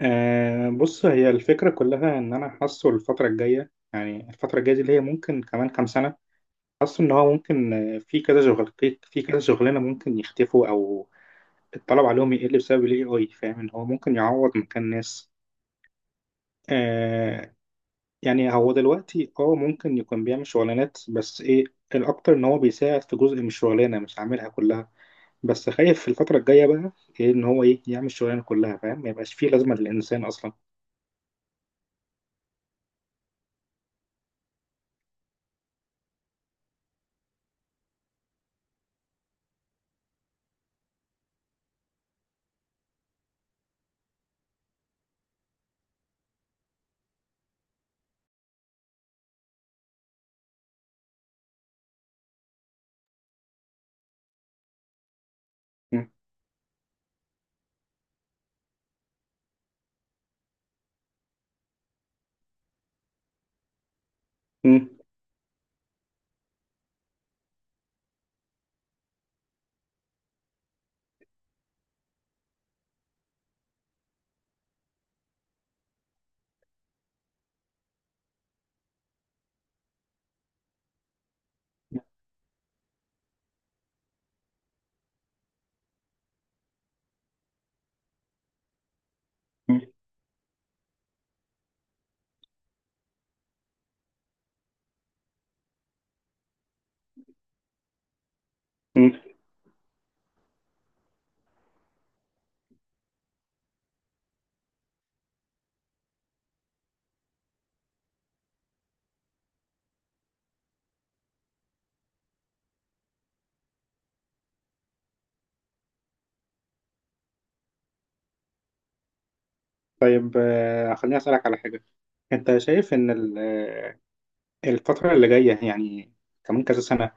أه، بص، هي الفكرة كلها إن أنا حاسه الفترة الجاية، يعني الفترة الجاية دي اللي هي ممكن كمان كام سنة. حاسه إن هو ممكن، في كذا شغلانة ممكن يختفوا أو الطلب عليهم يقل بسبب ال AI. فاهم إن هو ممكن يعوض مكان ناس. أه. يعني هو دلوقتي ممكن يكون بيعمل شغلانات، بس إيه الأكتر إن هو بيساعد في جزء من الشغلانة، مش عاملها كلها. بس خايف في الفترة الجاية بقى إيه، إن هو إيه، يعمل الشغلانة كلها. فاهم ما يبقاش فيه لازمة للإنسان أصلا. م- م- مم. طيب، خليني أسألك على حاجة. أنت شايف إن الفترة اللي جاية، يعني كمان كذا سنة،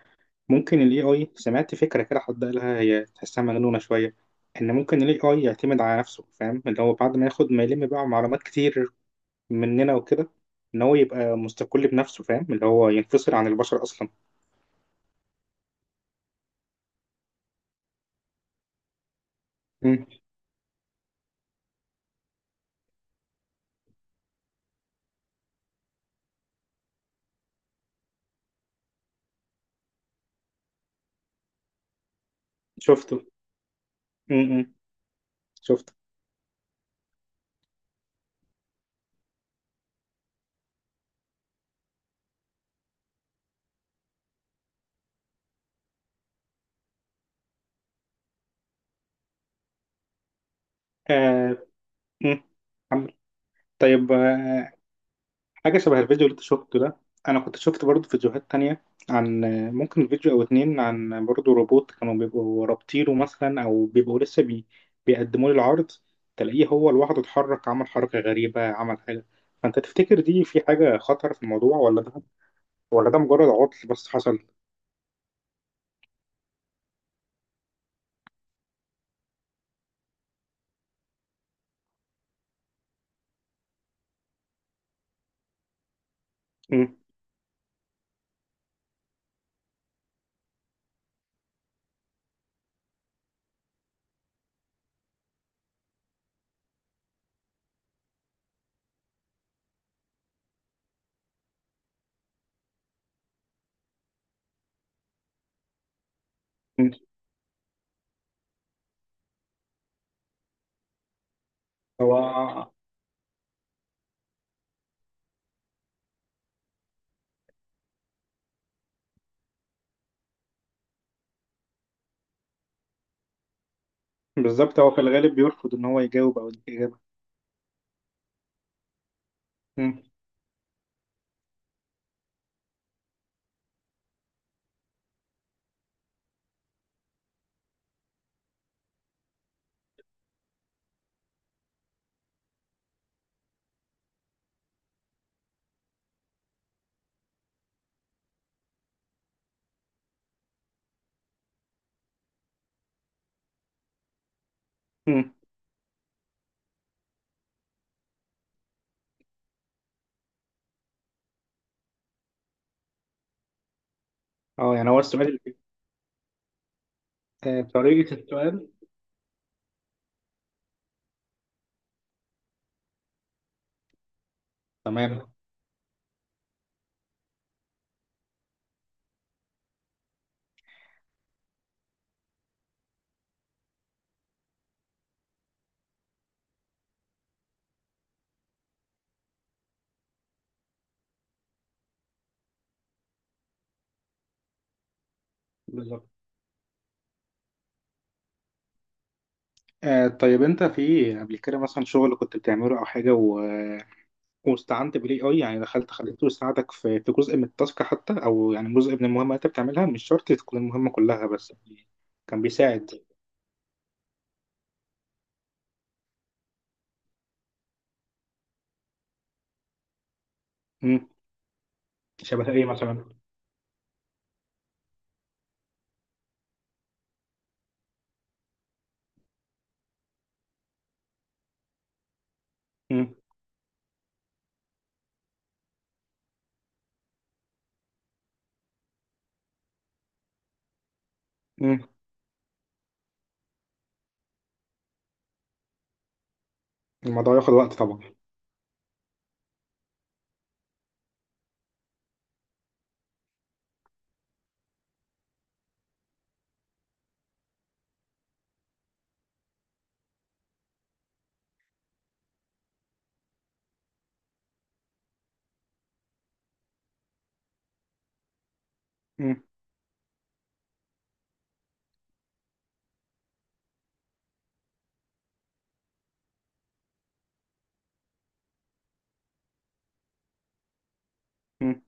ممكن ال AI، سمعت فكرة كده حد قالها، هي تحسها مجنونة شوية، إن ممكن ال AI يعتمد على نفسه. فاهم اللي هو بعد ما ياخد، ما يلم بقى معلومات كتير مننا وكده، إن هو يبقى مستقل بنفسه. فاهم اللي هو ينفصل عن البشر أصلا. مم. شفته. مم. مم. شفته. آه. مم. عم- طيب، حاجة شبه الفيديو اللي انت شفته ده. أنا كنت شفت برضه فيديوهات تانية، عن ممكن فيديو أو اتنين، عن برضه روبوت كانوا بيبقوا رابطينه مثلا، أو بيبقوا بيقدموا لي العرض، تلاقيه هو لوحده اتحرك، عمل حركة غريبة، عمل حاجة. فأنت تفتكر دي في حاجة خطر في الموضوع، ولا ده ولا ده مجرد عطل بس حصل؟ مم. مم. هو بالظبط، هو في الغالب بيرفض إن هو يجاوب أو يديك إجابة. مم. مم. اه، يعني هو طريقة السؤال. تمام. بالظبط. طيب، انت في قبل كده مثلا شغل كنت بتعمله، او حاجه، واستعنت بالاي اي، يعني دخلت خليته يساعدك في جزء من التاسك حتى، او يعني جزء من المهمه اللي انت بتعملها، مش شرط تكون المهمه كلها، بس يعني كان بيساعد. مم. شبه ايه مثلا؟ مم. مم. الموضوع ياخد وقت طبعا. مم. مم.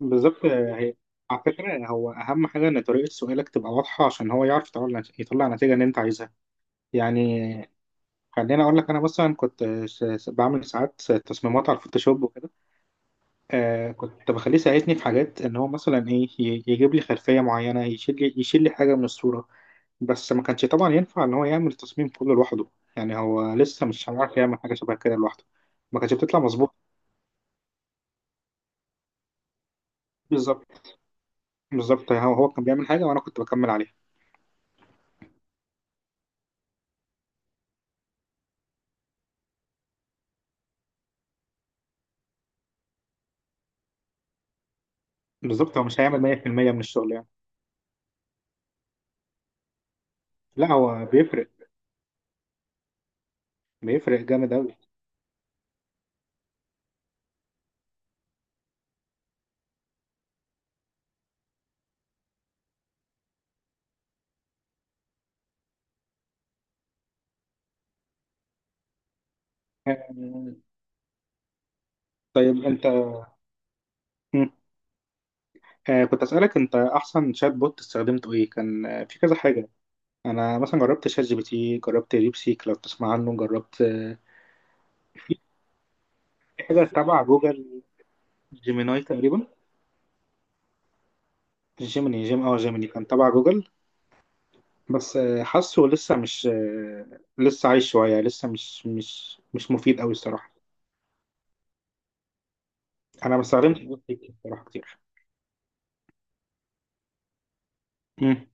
بالظبط، هي على فكره، هو اهم حاجه ان طريقه سؤالك تبقى واضحه، عشان هو يعرف يطلع النتيجه اللي انت عايزها، يعني. خليني اقول لك، انا مثلا كنت بعمل ساعات تصميمات على الفوتوشوب وكده. كنت بخليه يساعدني في حاجات، ان هو مثلا ايه، يجيب لي خلفيه معينه، يشيل لي حاجه من الصوره. بس ما كانش طبعا ينفع ان هو يعمل التصميم كله لوحده، يعني هو لسه مش هيعرف يعمل حاجه شبه كده لوحده. ما كانتش بتطلع مظبوط. بالظبط، بالظبط. هو كان بيعمل حاجه وانا كنت بكمل عليها. بالظبط، هو مش هيعمل 100% من الشغل يعني. لا هو بيفرق، بيفرق جامد قوي. طيب انت، مم. كنت اسالك، انت احسن شات بوت استخدمته ايه؟ كان في كذا حاجه. انا مثلا جربت شات جي بي تي، جربت ديب سيك لو تسمع عنه، جربت في حاجه تبع جوجل، جيميناي تقريبا. جيميني، جيميني كان تبع جوجل. بس حاسه لسه مش لسه عايش شويه، لسه مش مفيد قوي الصراحه. انا ما استخدمتش ديب سيك الصراحه كتير. مم.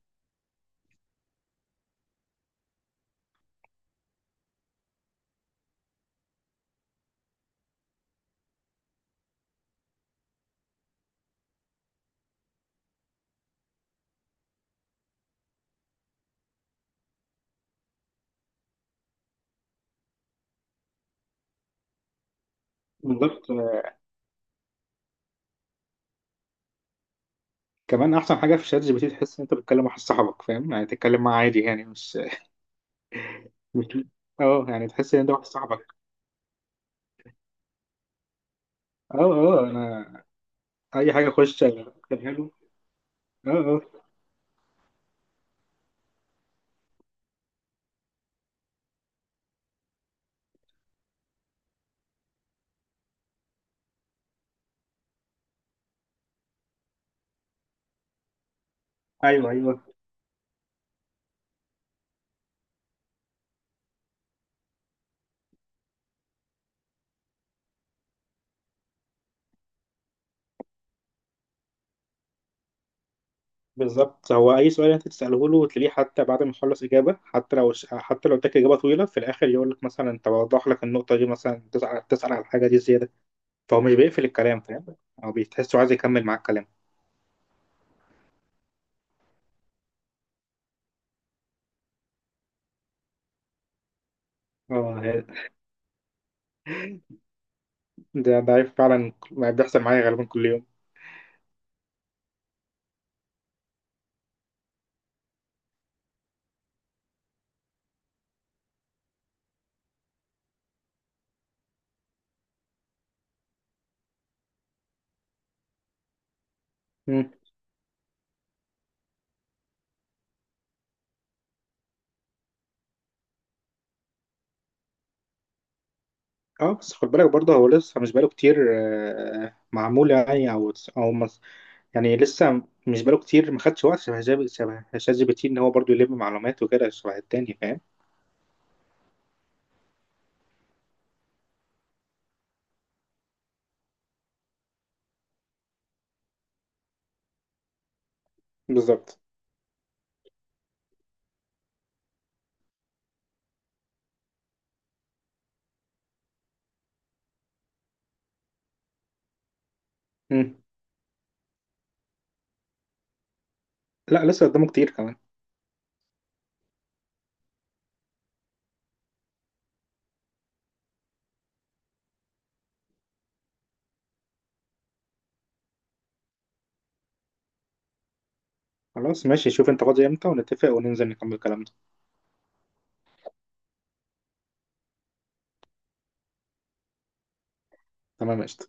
بالظبط، كمان احسن حاجه في شات جي بي تي، تحس ان انت بتتكلم مع واحد صاحبك فاهم، يعني تتكلم معاه عادي، يعني مش اه يعني تحس ان انت واحد صاحبك. اه، اه، انا اي حاجه اخش اكتبها له. اه، اه. ايوه، ايوه. بالظبط، هو اي سؤال انت تساله له تلاقيه، حتى بعد ما يخلص اجابه، حتى لو، حتى لو اداك اجابه طويله في الاخر، يقول لك مثلا طب اوضح لك النقطه دي مثلا، تسال على الحاجه دي زياده. فهو مش بيقفل الكلام فاهم، او بتحسه عايز يكمل معاك كلام. اه، ده فعلا ما بيحصل معايا غالبا كل يوم. مم. اه بس خد بالك برضه، هو لسه مش بقاله كتير، معمول يعني او او يعني لسه مش بقاله كتير، ما خدش وقت شبه شبه شات جي بي تي، ان هو برضه يلم معلومات وكده شبه التاني فاهم. بالظبط. مم. لا لسه قدامه كتير كمان. خلاص ماشي، شوف انت فاضي امتى ونتفق وننزل نكمل كلامنا. تمام، قشطة.